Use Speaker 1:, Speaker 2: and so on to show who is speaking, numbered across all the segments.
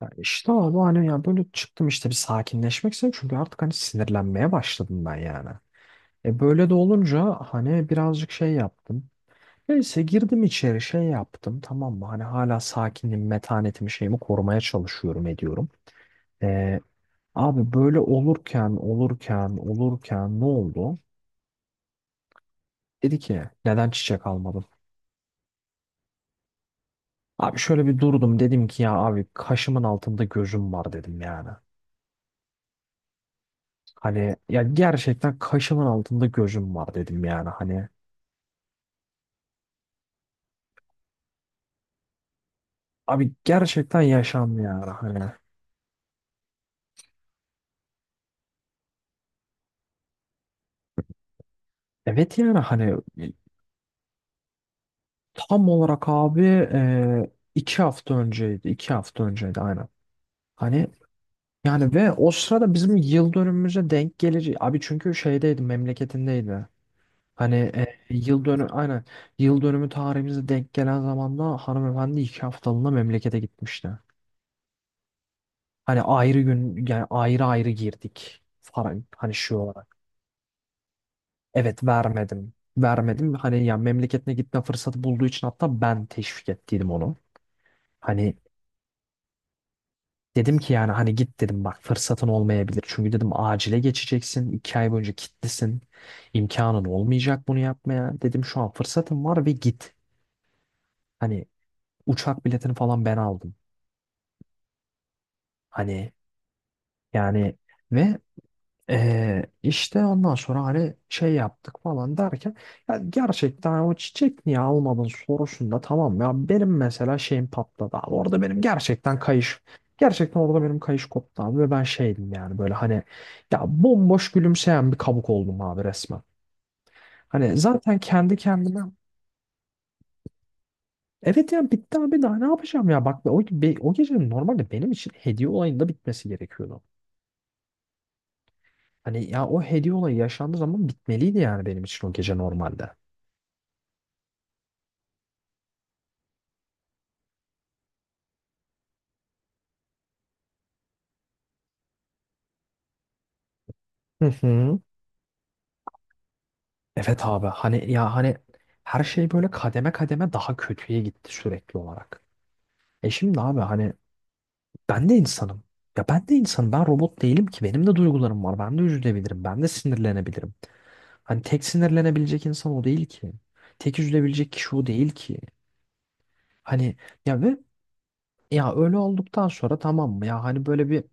Speaker 1: Ya işte abi hani ya böyle çıktım işte bir sakinleşmek istedim çünkü artık hani sinirlenmeye başladım ben yani. E böyle de olunca hani birazcık şey yaptım. Neyse girdim içeri şey yaptım, tamam mı, hani hala sakinliğimi, metanetimi, şeyimi korumaya çalışıyorum, ediyorum. E, abi böyle olurken olurken olurken ne oldu? Dedi ki neden çiçek almadın? Abi şöyle bir durdum, dedim ki ya abi kaşımın altında gözüm var, dedim yani. Hani ya gerçekten kaşımın altında gözüm var dedim yani hani. Abi gerçekten yaşandı yani hani. Evet yani hani tam olarak abi 2 hafta önceydi. 2 hafta önceydi aynen. Hani yani ve o sırada bizim yıl dönümümüze denk gelir. Abi çünkü şeydeydi, memleketindeydi. Hani yıl dönü aynen yıl dönümü tarihimize denk gelen zamanda hanımefendi 2 haftalığına memlekete gitmişti. Hani ayrı gün yani ayrı ayrı girdik falan hani şu olarak. Evet vermedim. Vermedim. Hani ya memleketine gitme fırsatı bulduğu için hatta ben teşvik ettiydim onu. Hani dedim ki yani hani git dedim, bak fırsatın olmayabilir. Çünkü dedim acile geçeceksin. 2 ay boyunca kilitlisin. İmkanın olmayacak bunu yapmaya. Dedim şu an fırsatın var ve git. Hani uçak biletini falan ben aldım. Hani yani ve işte ondan sonra hani şey yaptık falan derken ya gerçekten hani o çiçek niye almadın sorusunda tamam ya benim mesela şeyim patladı abi, orada benim gerçekten kayış, gerçekten orada benim kayış koptu abi ve ben şeydim yani böyle hani ya bomboş gülümseyen bir kabuk oldum abi resmen. Hani zaten kendi kendime evet ya bitti abi daha ne yapacağım ya bak o gecenin normalde benim için hediye olayında bitmesi gerekiyordu. Hani ya o hediye olayı yaşandığı zaman bitmeliydi yani benim için o gece normalde. Hı hı. Evet abi hani ya hani her şey böyle kademe kademe daha kötüye gitti sürekli olarak. E şimdi abi hani ben de insanım. Ya ben de insanım. Ben robot değilim ki. Benim de duygularım var. Ben de üzülebilirim. Ben de sinirlenebilirim. Hani tek sinirlenebilecek insan o değil ki. Tek üzülebilecek kişi o değil ki. Hani ya ve ya öyle olduktan sonra, tamam mı? Ya hani böyle bir,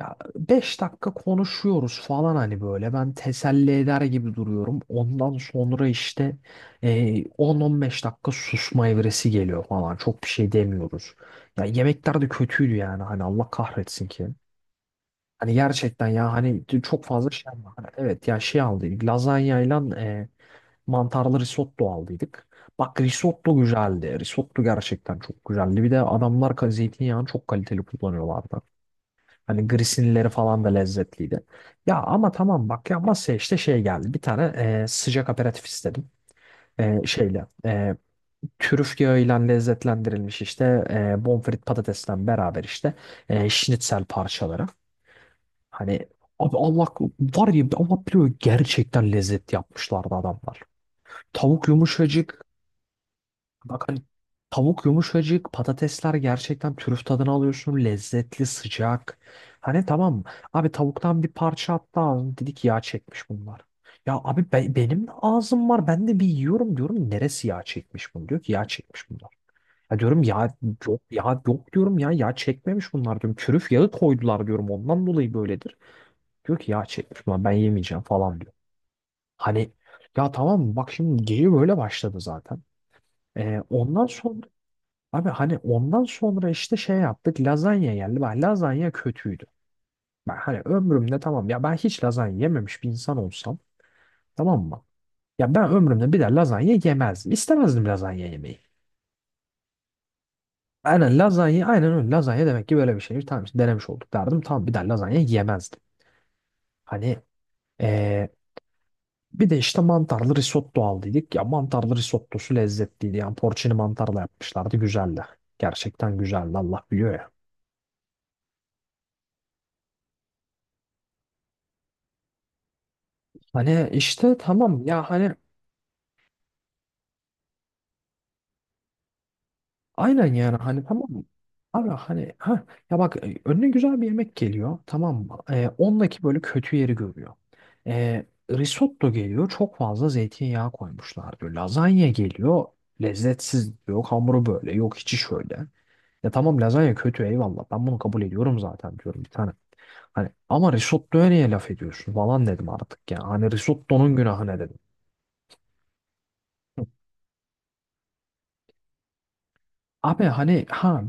Speaker 1: ya 5 dakika konuşuyoruz falan hani böyle ben teselli eder gibi duruyorum. Ondan sonra işte 10-15 dakika susma evresi geliyor falan. Çok bir şey demiyoruz. Ya yemekler de kötüydü yani hani Allah kahretsin ki. Hani gerçekten ya hani çok fazla şey alma. Hani evet ya şey aldıydık lazanyayla mantarlı risotto aldıydık. Bak risotto güzeldi. Risotto gerçekten çok güzeldi. Bir de adamlar zeytinyağını çok kaliteli kullanıyorlardı. Hani grisinileri falan da lezzetliydi. Ya ama tamam bak ya masaya işte şey geldi. Bir tane sıcak aperatif istedim. E, şeyle trüf yağıyla lezzetlendirilmiş işte bonfrit patatesle beraber işte şnitzel parçaları. Hani abi Allah var ya Allah biliyor gerçekten lezzet yapmışlardı adamlar. Tavuk yumuşacık. Bak hani tavuk yumuşacık, patatesler gerçekten trüf tadını alıyorsun. Lezzetli, sıcak. Hani tamam abi tavuktan bir parça attı ağzım. Dedik yağ çekmiş bunlar. Ya abi benim de ağzım var. Ben de bir yiyorum diyorum. Neresi yağ çekmiş bunu? Diyor ki yağ çekmiş bunlar. Ya diyorum ya yok ya yok diyorum ya yağ çekmemiş bunlar diyorum. Trüf yağı koydular diyorum, ondan dolayı böyledir. Diyor ki yağ çekmiş bunlar, ben yemeyeceğim falan diyor. Hani ya tamam bak şimdi geyiği böyle başladı zaten. Ondan sonra abi hani ondan sonra işte şey yaptık, lazanya geldi. Bak lazanya kötüydü. Ben hani ömrümde tamam ya ben hiç lazanya yememiş bir insan olsam, tamam mı? Ya ben ömrümde bir de lazanya yemezdim. İstemezdim lazanya yemeyi. Aynen lazanya aynen öyle, lazanya demek ki böyle bir şey. Tamam işte denemiş olduk derdim. Tamam bir de lazanya yemezdim. Hani eee, bir de işte mantarlı risotto aldıydık. Ya mantarlı risottosu lezzetliydi. Yani porcini mantarla yapmışlardı, güzeldi. Gerçekten güzeldi Allah biliyor ya. Hani işte tamam ya hani aynen yani hani tamam mı? Abi hani ha ya bak önüne güzel bir yemek geliyor, tamam mı? E, ondaki böyle kötü yeri görüyor. E, risotto geliyor çok fazla zeytinyağı koymuşlar diyor. Lazanya geliyor lezzetsiz diyor. Hamuru böyle yok, içi şöyle. Ya tamam lazanya kötü, eyvallah ben bunu kabul ediyorum zaten diyorum bir tane. Hani ama risottoya niye laf ediyorsun falan dedim artık ya. Hani risottonun günahı ne dedim. Hı. Abi hani ha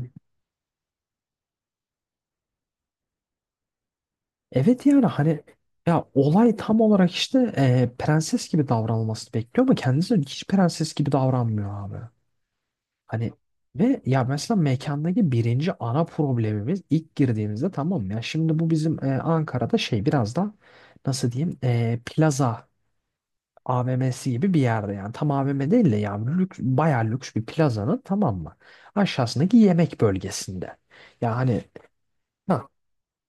Speaker 1: evet yani hani ya olay tam olarak işte prenses gibi davranılmasını bekliyor ama kendisi hiç prenses gibi davranmıyor abi. Hani ve ya mesela mekandaki birinci ana problemimiz ilk girdiğimizde, tamam mı? Ya şimdi bu bizim Ankara'da şey biraz da, nasıl diyeyim, plaza AVM'si gibi bir yerde yani tam AVM değil de yani lüks, bayağı lüks bir plazanın, tamam mı? Aşağısındaki yemek bölgesinde. Ya hani ha,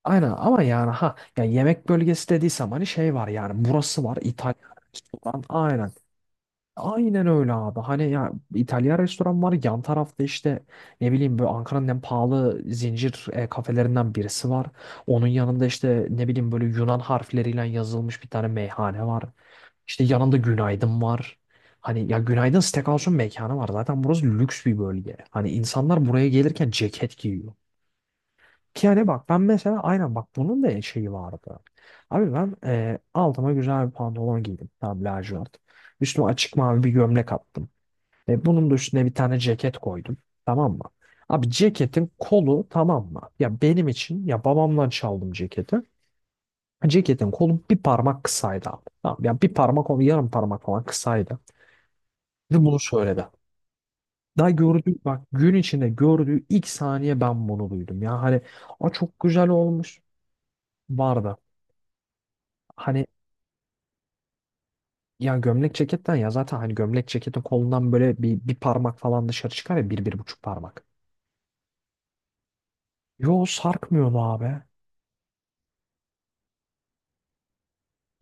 Speaker 1: aynen ama yani ha ya yemek bölgesi dediysem hani şey var yani burası var, İtalyan restoran aynen. Aynen öyle abi. Hani ya İtalyan restoran var yan tarafta, işte ne bileyim böyle Ankara'nın en pahalı zincir kafelerinden birisi var. Onun yanında işte ne bileyim böyle Yunan harfleriyle yazılmış bir tane meyhane var. İşte yanında Günaydın var. Hani ya Günaydın Steakhouse'un mekanı var. Zaten burası lüks bir bölge. Hani insanlar buraya gelirken ceket giyiyor. Ki yani bak ben mesela aynen bak bunun da şeyi vardı. Abi ben altıma güzel bir pantolon giydim. Tam lacivert. Üstüme açık mavi bir gömlek attım. E, bunun da üstüne bir tane ceket koydum. Tamam mı? Abi ceketin kolu, tamam mı? Ya benim için ya babamdan çaldım ceketi. Ceketin kolu bir parmak kısaydı abi. Tamam, ya bir parmak, onu yarım parmak falan kısaydı. Ve bunu söyledi. Daha gördüğü, bak gün içinde gördüğü ilk saniye ben bunu duydum. Ya hani a çok güzel olmuş vardı. Hani ya gömlek ceketten ya zaten hani gömlek ceketin kolundan böyle bir parmak falan dışarı çıkar ya bir bir buçuk parmak. Yo sarkmıyordu abi.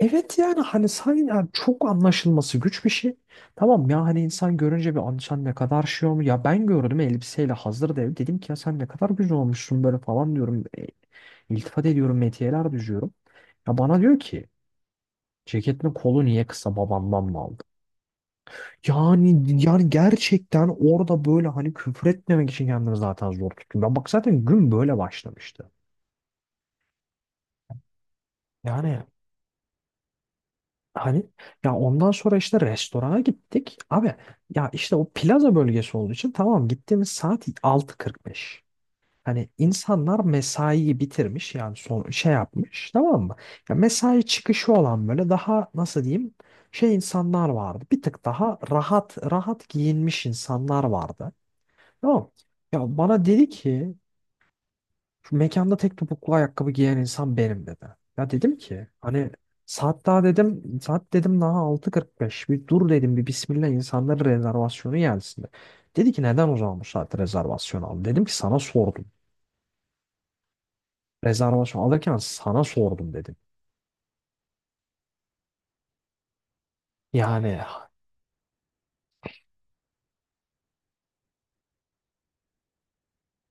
Speaker 1: Evet yani hani sen yani çok anlaşılması güç bir şey. Tamam ya hani insan görünce bir "Abi sen ne kadar şey olmuş." Ya ben gördüm elbiseyle hazır dev. Dedim ki ya sen ne kadar güzel olmuşsun böyle falan diyorum. E, iltifat ediyorum, metiyeler düzüyorum. Ya bana diyor ki ceketin kolu niye kısa, babandan mı aldın? Yani yani gerçekten orada böyle hani küfür etmemek için kendini zaten zor tutuyor. Ben bak zaten gün böyle başlamıştı. Yani hani ya ondan sonra işte restorana gittik. Abi ya işte o plaza bölgesi olduğu için, tamam, gittiğimiz saat 6:45. Hani insanlar mesaiyi bitirmiş yani son şey yapmış, tamam mı? Ya mesai çıkışı olan böyle daha nasıl diyeyim, şey insanlar vardı. Bir tık daha rahat rahat giyinmiş insanlar vardı. Tamam. Ya bana dedi ki şu mekanda tek topuklu ayakkabı giyen insan benim dedi. Ya dedim ki hani saat daha dedim saat dedim daha 6:45, bir dur dedim, bir Bismillah insanların rezervasyonu gelsin de. Dedi ki neden o zaman bu saatte rezervasyon aldın? Dedim ki sana sordum. Rezervasyon alırken sana sordum dedim. Yani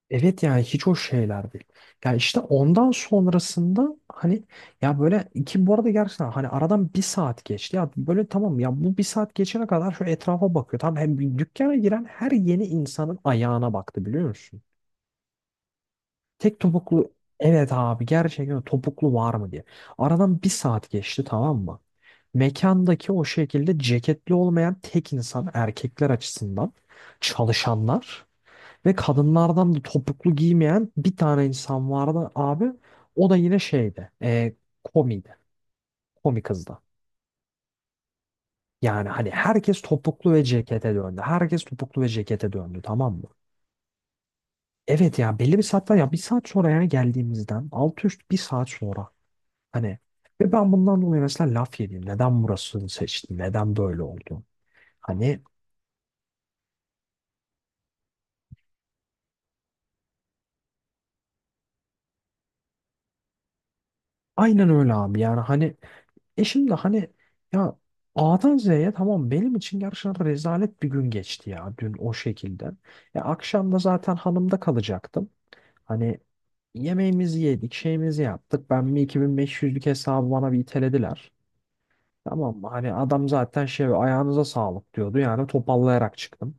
Speaker 1: evet yani hiç o şeyler değil. Yani işte ondan sonrasında hani ya böyle iki bu arada gerçekten hani aradan bir saat geçti. Ya böyle tamam ya bu bir saat geçene kadar şu etrafa bakıyor. Tamam hem dükkana giren her yeni insanın ayağına baktı biliyor musun? Tek topuklu, evet abi gerçekten topuklu var mı diye. Aradan bir saat geçti, tamam mı? Mekandaki o şekilde ceketli olmayan tek insan erkekler açısından çalışanlar ve kadınlardan da topuklu giymeyen bir tane insan vardı abi. O da yine şeydi. E, komiydi. Komi kızdı. Yani hani herkes topuklu ve cekete döndü. Herkes topuklu ve cekete döndü, tamam mı? Evet ya belli bir saatten ya bir saat sonra yani geldiğimizden altı üst bir saat sonra hani ve ben bundan dolayı mesela laf yedim. Neden burasını seçtim? Neden böyle oldu? Hani aynen öyle abi yani hani. E şimdi hani ya A'dan Z'ye tamam benim için gerçekten rezalet bir gün geçti ya dün o şekilde. Ya akşam da zaten hanımda kalacaktım. Hani yemeğimizi yedik, şeyimizi yaptık. Ben bir 2500'lük hesabı bana bir itelediler. Tamam mı? Hani adam zaten şey ayağınıza sağlık diyordu. Yani topallayarak çıktım.